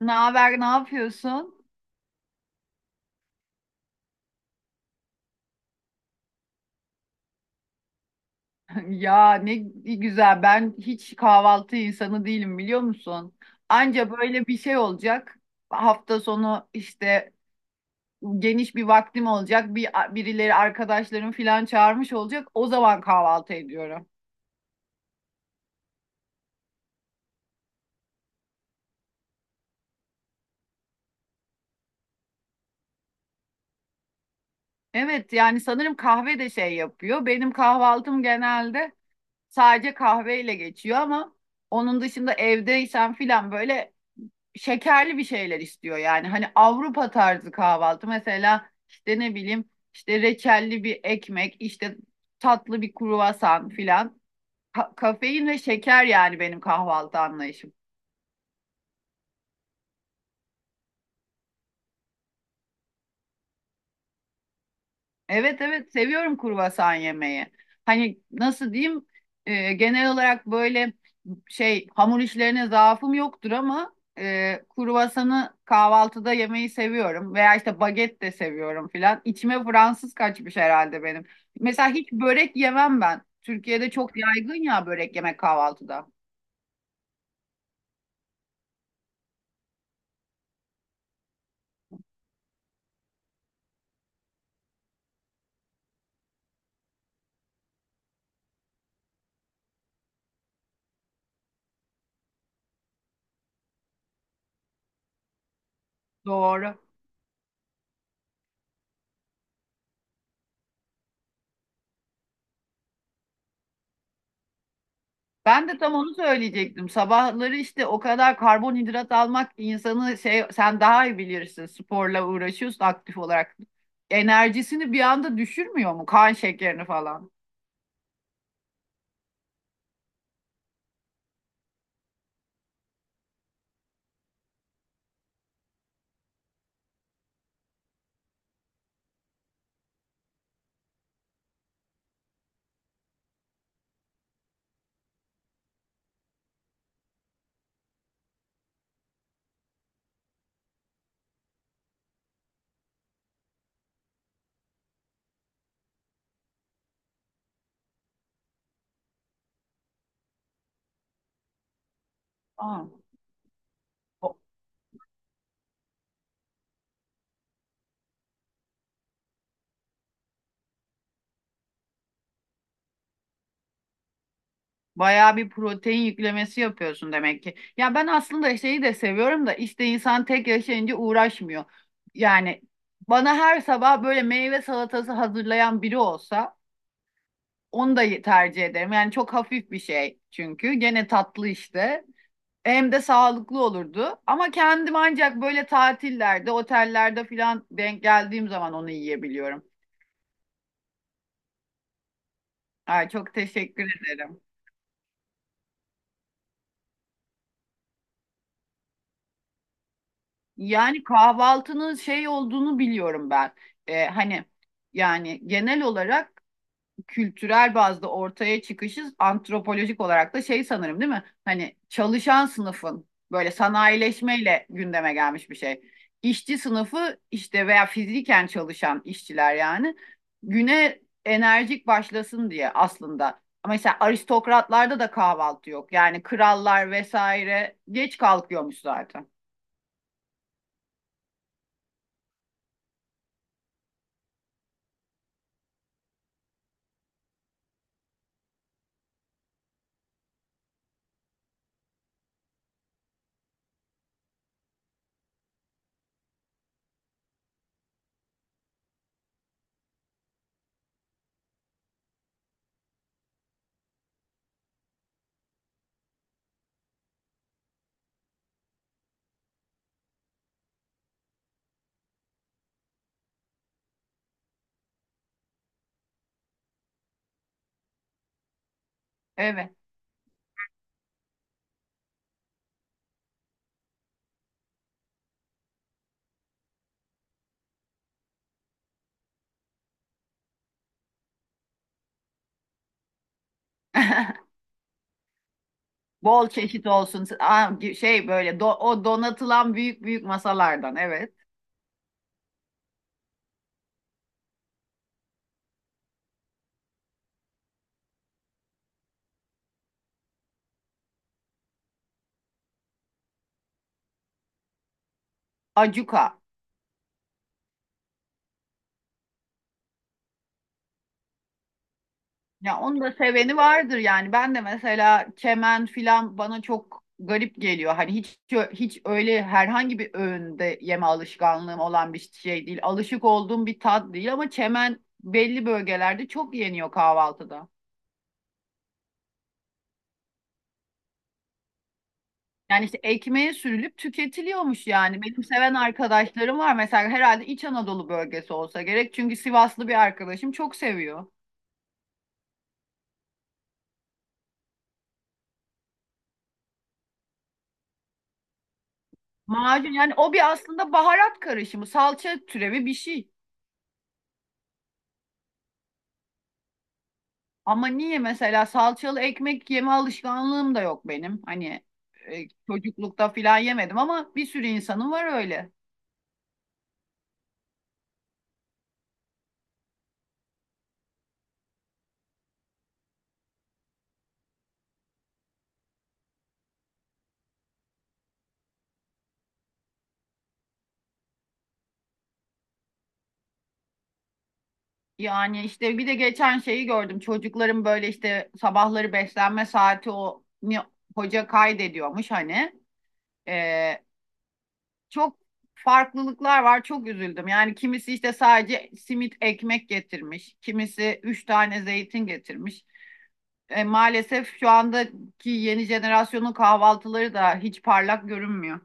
Ne haber, ne yapıyorsun? Ya ne güzel. Ben hiç kahvaltı insanı değilim biliyor musun? Anca böyle bir şey olacak. Hafta sonu işte geniş bir vaktim olacak. Birileri arkadaşlarım falan çağırmış olacak. O zaman kahvaltı ediyorum. Evet yani sanırım kahve de şey yapıyor. Benim kahvaltım genelde sadece kahveyle geçiyor ama onun dışında evdeysem filan böyle şekerli bir şeyler istiyor yani. Hani Avrupa tarzı kahvaltı mesela işte ne bileyim işte reçelli bir ekmek, işte tatlı bir kruvasan filan. Kafein ve şeker yani benim kahvaltı anlayışım. Evet evet seviyorum kurbasan yemeği. Hani nasıl diyeyim, genel olarak böyle şey hamur işlerine zaafım yoktur ama kruvasanı kahvaltıda yemeyi seviyorum. Veya işte baget de seviyorum filan. İçime Fransız kaçmış herhalde benim. Mesela hiç börek yemem ben. Türkiye'de çok yaygın ya börek yemek kahvaltıda. Doğru. Ben de tam onu söyleyecektim. Sabahları işte o kadar karbonhidrat almak insanı şey, sen daha iyi bilirsin. Sporla uğraşıyorsun aktif olarak. Enerjisini bir anda düşürmüyor mu? Kan şekerini falan. Aa, o- bayağı bir protein yüklemesi yapıyorsun demek ki. Ya ben aslında şeyi de seviyorum da işte insan tek yaşayınca uğraşmıyor. Yani bana her sabah böyle meyve salatası hazırlayan biri olsa onu da tercih ederim. Yani çok hafif bir şey çünkü. Gene tatlı işte. Hem de sağlıklı olurdu. Ama kendim ancak böyle tatillerde, otellerde falan denk geldiğim zaman onu yiyebiliyorum. Ay, çok teşekkür ederim. Yani kahvaltının şey olduğunu biliyorum ben. Hani yani genel olarak kültürel bazda ortaya çıkışı antropolojik olarak da şey sanırım, değil mi? Hani çalışan sınıfın böyle sanayileşmeyle gündeme gelmiş bir şey. İşçi sınıfı işte veya fiziken çalışan işçiler yani güne enerjik başlasın diye aslında. Ama mesela aristokratlarda da kahvaltı yok. Yani krallar vesaire geç kalkıyormuş zaten. Evet. Bol çeşit olsun. Aa, şey böyle o donatılan büyük büyük masalardan, evet. Acuka. Ya onu da seveni vardır yani. Ben de mesela kemen filan bana çok garip geliyor. Hani hiç öyle herhangi bir öğünde yeme alışkanlığım olan bir şey değil. Alışık olduğum bir tat değil ama çemen belli bölgelerde çok yeniyor kahvaltıda. Yani işte ekmeğe sürülüp tüketiliyormuş yani. Benim seven arkadaşlarım var mesela, herhalde İç Anadolu bölgesi olsa gerek. Çünkü Sivaslı bir arkadaşım çok seviyor. Macun yani o bir aslında baharat karışımı, salça türevi bir şey. Ama niye, mesela salçalı ekmek yeme alışkanlığım da yok benim. Hani çocuklukta filan yemedim ama bir sürü insanın var öyle. Yani işte bir de geçen şeyi gördüm. Çocukların böyle işte sabahları beslenme saati, hoca kaydediyormuş hani. E, Çok farklılıklar var. Çok üzüldüm. Yani kimisi işte sadece simit ekmek getirmiş. Kimisi üç tane zeytin getirmiş. Maalesef şu andaki yeni jenerasyonun kahvaltıları da hiç parlak görünmüyor.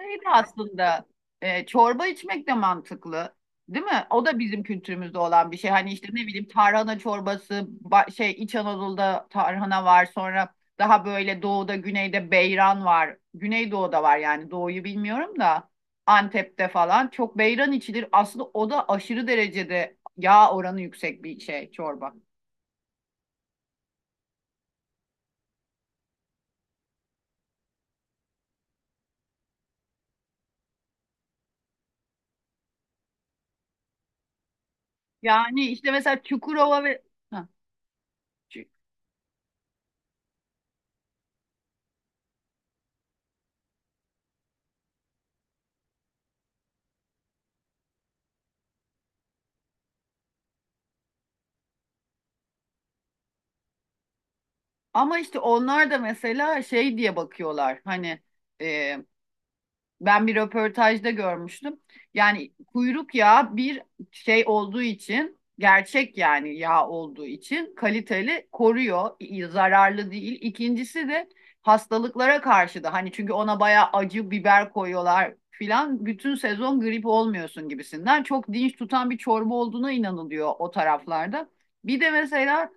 Şey de aslında çorba içmek de mantıklı, değil mi? O da bizim kültürümüzde olan bir şey. Hani işte ne bileyim tarhana çorbası, şey İç Anadolu'da tarhana var. Sonra daha böyle doğuda, güneyde beyran var. Güneydoğu'da var yani, doğuyu bilmiyorum da. Antep'te falan çok beyran içilir. Aslında o da aşırı derecede yağ oranı yüksek bir şey, çorba. Yani işte mesela Çukurova ve Ha, Çu- ama işte onlar da mesela şey diye bakıyorlar hani, e, ben bir röportajda görmüştüm. Yani kuyruk yağı bir şey olduğu için, gerçek yani yağ olduğu için kaliteli koruyor, zararlı değil. İkincisi de hastalıklara karşı da hani, çünkü ona bayağı acı biber koyuyorlar filan, bütün sezon grip olmuyorsun gibisinden çok dinç tutan bir çorba olduğuna inanılıyor o taraflarda. Bir de mesela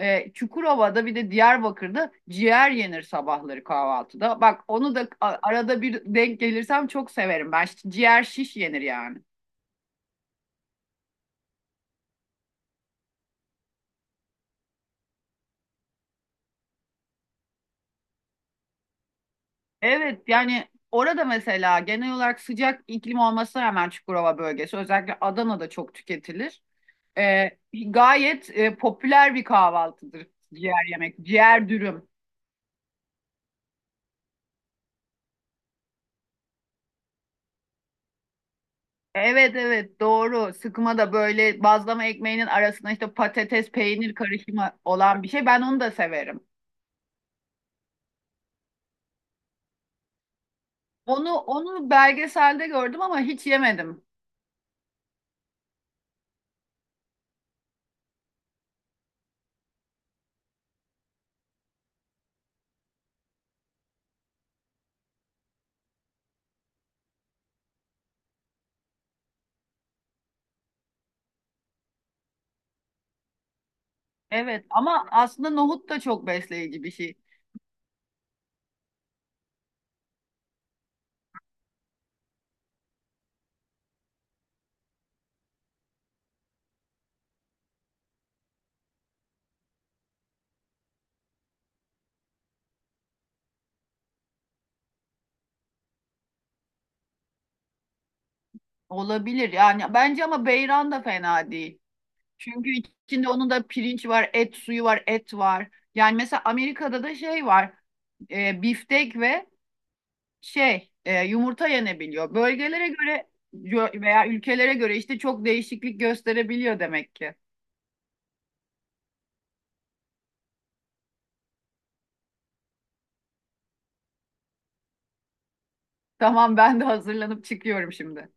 Çukurova'da bir de Diyarbakır'da ciğer yenir sabahları kahvaltıda. Bak onu da arada bir denk gelirsem çok severim. Ben ciğer şiş yenir yani. Evet yani orada mesela genel olarak sıcak iklim olmasına rağmen Çukurova bölgesi, özellikle Adana'da çok tüketilir. E, Gayet popüler bir kahvaltıdır ciğer yemek, ciğer dürüm. Evet evet doğru. Sıkma da böyle bazlama ekmeğinin arasına işte patates peynir karışımı olan bir şey. Ben onu da severim. Onu belgeselde gördüm ama hiç yemedim. Evet ama aslında nohut da çok besleyici bir şey olabilir. Yani bence ama beyran da fena değil. Çünkü içinde onun da pirinç var, et suyu var, et var. Yani mesela Amerika'da da şey var. Biftek ve şey yumurta yenebiliyor. Bölgelere göre veya ülkelere göre işte çok değişiklik gösterebiliyor demek ki. Tamam, ben de hazırlanıp çıkıyorum şimdi.